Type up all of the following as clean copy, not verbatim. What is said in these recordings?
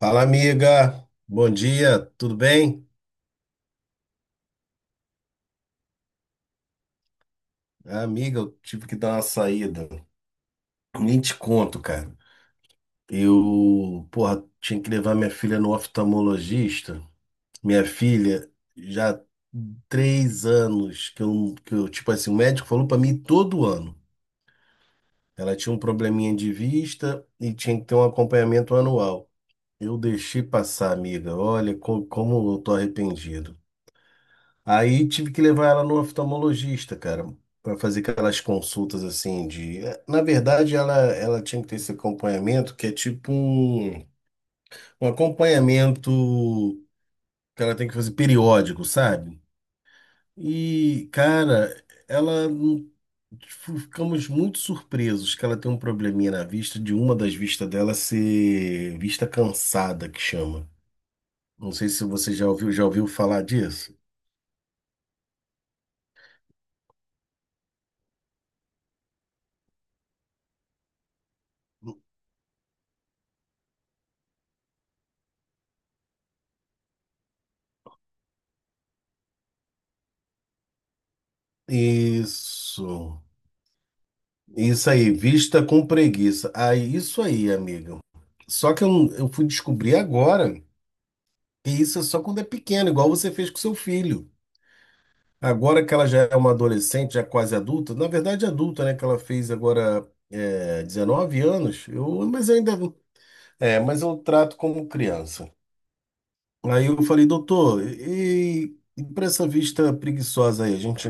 Fala, amiga. Bom dia, tudo bem? Ah, amiga, eu tive que dar uma saída. Nem te conto, cara. Eu, porra, tinha que levar minha filha no oftalmologista. Minha filha, já 3 anos que eu, tipo assim, o médico falou pra mim todo ano. Ela tinha um probleminha de vista e tinha que ter um acompanhamento anual. Eu deixei passar, amiga. Olha, como eu tô arrependido. Aí tive que levar ela no oftalmologista, cara, para fazer aquelas consultas assim. Na verdade, ela tinha que ter esse acompanhamento que é tipo um, acompanhamento que ela tem que fazer periódico, sabe? E, cara, ela não- tipo, ficamos muito surpresos que ela tem um probleminha na vista, de uma das vistas dela ser vista cansada, que chama. Não sei se você já ouviu falar disso. Isso. Isso aí, vista com preguiça. Aí, isso aí, amigo. Só que eu, eu fui descobrir agora que isso é só quando é pequeno, igual você fez com seu filho. Agora que ela já é uma adolescente, já quase adulta, na verdade adulta, né? Que ela fez agora 19 anos, eu, mas ainda. É, mas eu trato como criança. Aí eu falei, doutor, e para essa vista preguiçosa aí, a gente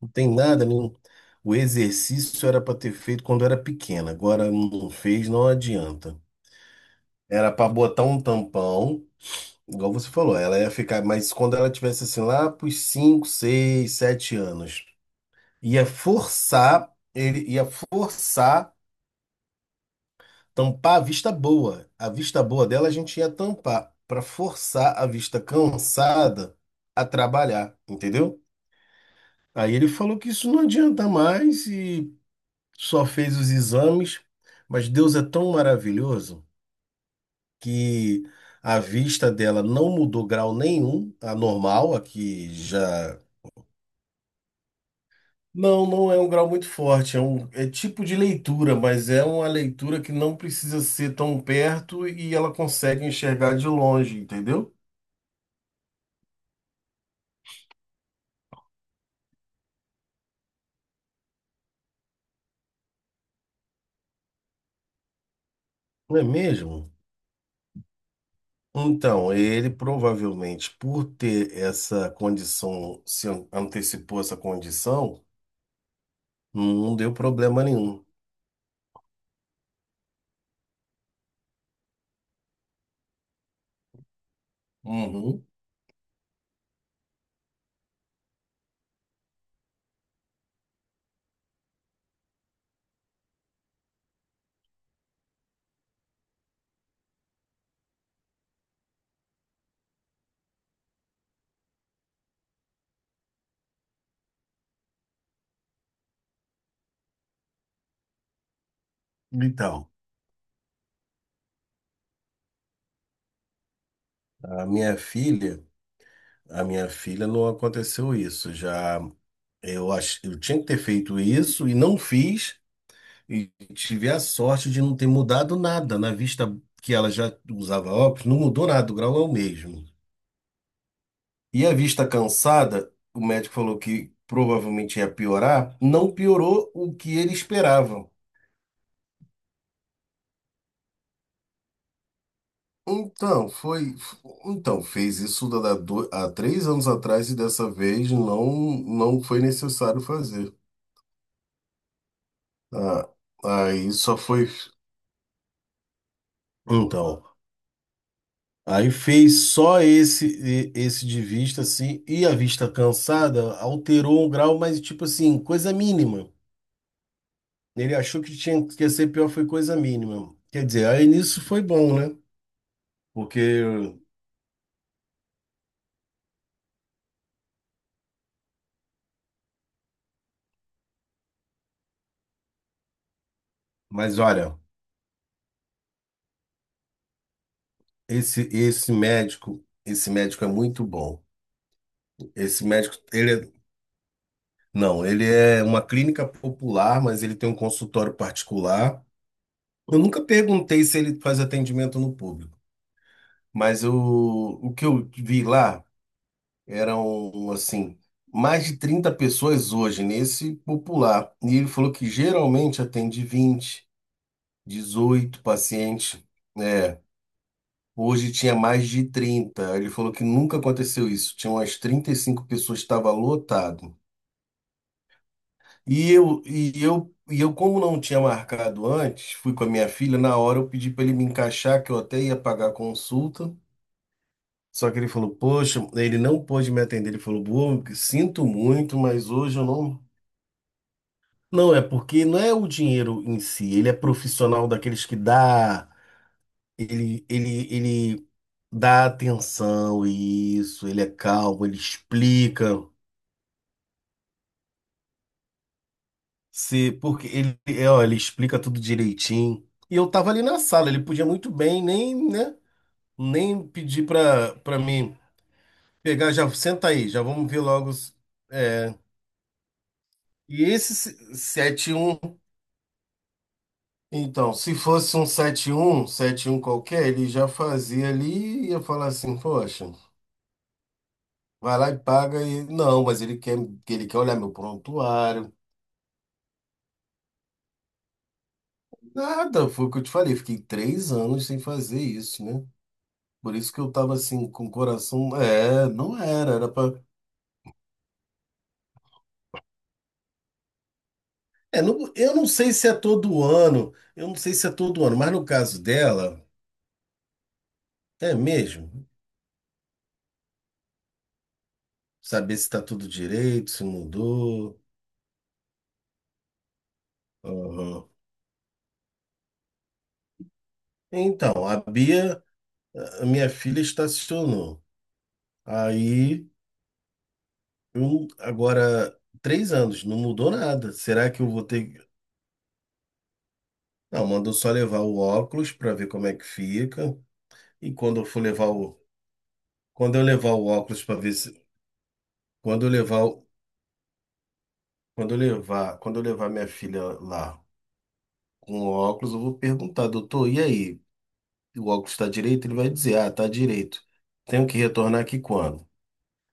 não tem nada, nenhum. O exercício era para ter feito quando era pequena. Agora não fez, não adianta. Era para botar um tampão, igual você falou, ela ia ficar, mas quando ela tivesse assim lá pros 5, 6, 7 anos, ele ia forçar tampar a vista boa. A vista boa dela a gente ia tampar para forçar a vista cansada a trabalhar, entendeu? Aí ele falou que isso não adianta mais e só fez os exames, mas Deus é tão maravilhoso que a vista dela não mudou grau nenhum, a normal, a que já não, não é um grau muito forte, é é tipo de leitura, mas é uma leitura que não precisa ser tão perto e ela consegue enxergar de longe, entendeu? Não é mesmo? Então, ele provavelmente, por ter essa condição, se antecipou essa condição, não deu problema nenhum. Uhum. Então, a minha filha, a minha filha não aconteceu isso. Já eu acho, eu tinha que ter feito isso e não fiz, e tive a sorte de não ter mudado nada, na vista que ela já usava óculos, não mudou nada, o grau é o mesmo. E a vista cansada, o médico falou que provavelmente ia piorar, não piorou o que ele esperava. Então, foi, então fez isso há 3 anos atrás e dessa vez não, não foi necessário fazer. Ah, aí só foi. Então, aí fez só esse esse de vista assim e a vista cansada alterou um grau, mas tipo assim, coisa mínima. Ele achou que tinha que ia ser pior, foi coisa mínima. Quer dizer, aí nisso foi bom, né? Porque, mas olha, esse médico, esse médico é muito bom. Esse médico, ele é, não, ele é uma clínica popular, mas ele tem um consultório particular. Eu nunca perguntei se ele faz atendimento no público, mas eu, o que eu vi lá eram assim, mais de 30 pessoas hoje nesse popular. E ele falou que geralmente atende 20. 18 pacientes, né? Hoje tinha mais de 30. Ele falou que nunca aconteceu isso. Tinha umas 35 pessoas, estava lotado. E eu, como não tinha marcado antes, fui com a minha filha, na hora eu pedi para ele me encaixar, que eu até ia pagar a consulta. Só que ele falou, poxa, ele não pôde me atender. Ele falou, boa, sinto muito, mas hoje eu não. Não, é porque não é o dinheiro em si, ele é profissional daqueles que dá. Ele dá atenção a isso, ele é calmo, ele explica, se porque ele, é, ó, ele explica tudo direitinho. E eu tava ali na sala, ele podia muito bem nem, né, nem pedir pra para mim pegar, já senta aí, já vamos ver logo. É. E esse 7-1, então, se fosse um sete um sete um qualquer, ele já fazia ali e ia falar assim, poxa. Vai lá e paga e. Não, mas ele quer olhar meu prontuário. Nada, foi o que eu te falei. Fiquei 3 anos sem fazer isso, né? Por isso que eu tava assim, com o coração. É, não era, era pra. É, eu não sei se é todo ano, eu não sei se é todo ano, mas no caso dela, é mesmo. Saber se tá tudo direito, se mudou. Aham. Então, a Bia, a minha filha, estacionou. Aí. Eu, agora, 3 anos, não mudou nada. Será que eu vou ter. Não, mandou só levar o óculos para ver como é que fica. E quando eu for levar o. Quando eu levar o óculos para ver se. Quando eu levar. Quando eu levar. Quando eu levar minha filha lá com o óculos, eu vou perguntar, doutor, e aí? O óculos está direito? Ele vai dizer, ah, tá direito. Tenho que retornar aqui quando?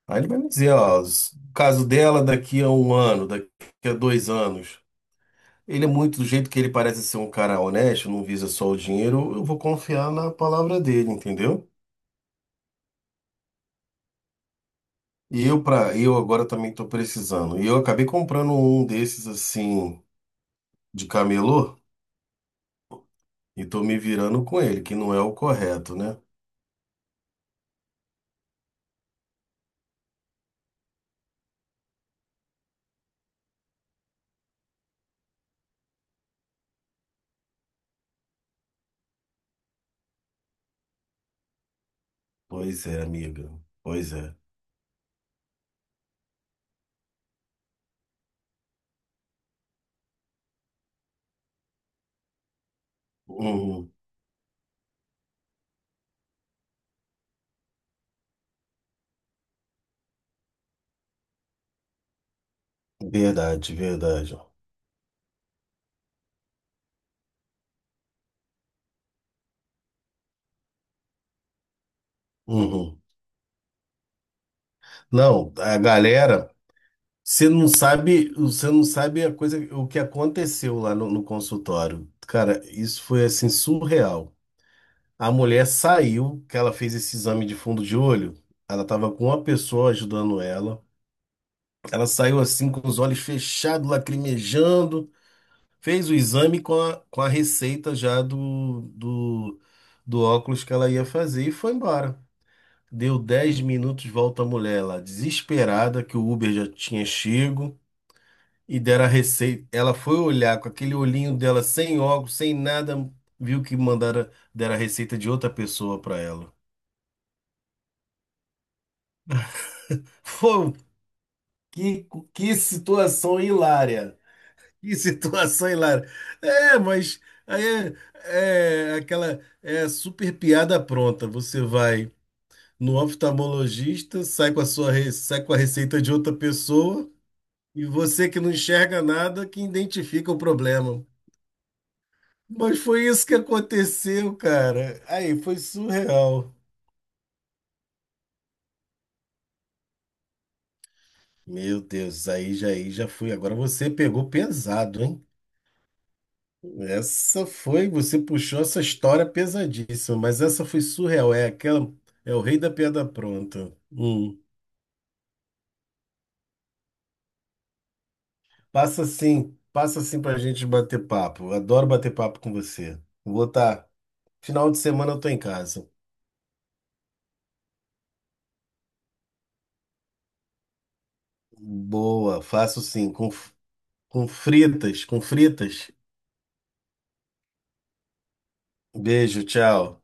Aí ele vai me dizer, ó, o caso dela daqui a um ano, daqui a 2 anos. Ele é muito do jeito que ele parece ser um cara honesto, não visa só o dinheiro, eu vou confiar na palavra dele, entendeu? Eu agora também tô precisando. E eu acabei comprando um desses assim de camelô e tô me virando com ele, que não é o correto, né? Pois é, amiga. Pois é. Uhum. Verdade, verdade. Uhum. Não, a galera, você não sabe a coisa, o que aconteceu lá no consultório. Cara, isso foi assim surreal. A mulher saiu, que ela fez esse exame de fundo de olho. Ela estava com uma pessoa ajudando ela. Ela saiu assim com os olhos fechados, lacrimejando. Fez o exame com a receita já do óculos que ela ia fazer e foi embora. Deu 10 minutos, volta a mulher lá, desesperada, que o Uber já tinha chego e deram a receita. Ela foi olhar com aquele olhinho dela, sem óculos, sem nada, viu que mandaram, deram a receita de outra pessoa para ela. Foi Que, que situação hilária. Que situação hilária. É, mas aí é aquela super piada pronta. Você vai no oftalmologista, sai com a receita de outra pessoa e você que não enxerga nada que identifica o problema. Mas foi isso que aconteceu, cara. Aí foi surreal. Meu Deus, aí já fui. Agora você pegou pesado, hein? Essa foi, você puxou essa história pesadíssima, mas essa foi surreal. É aquela, é o rei da piada pronta. Hum. Passa assim pra gente bater papo. Eu adoro bater papo com você. Vou estar. Final de semana eu tô em casa. Boa, faço sim, com fritas, com fritas. Beijo, tchau.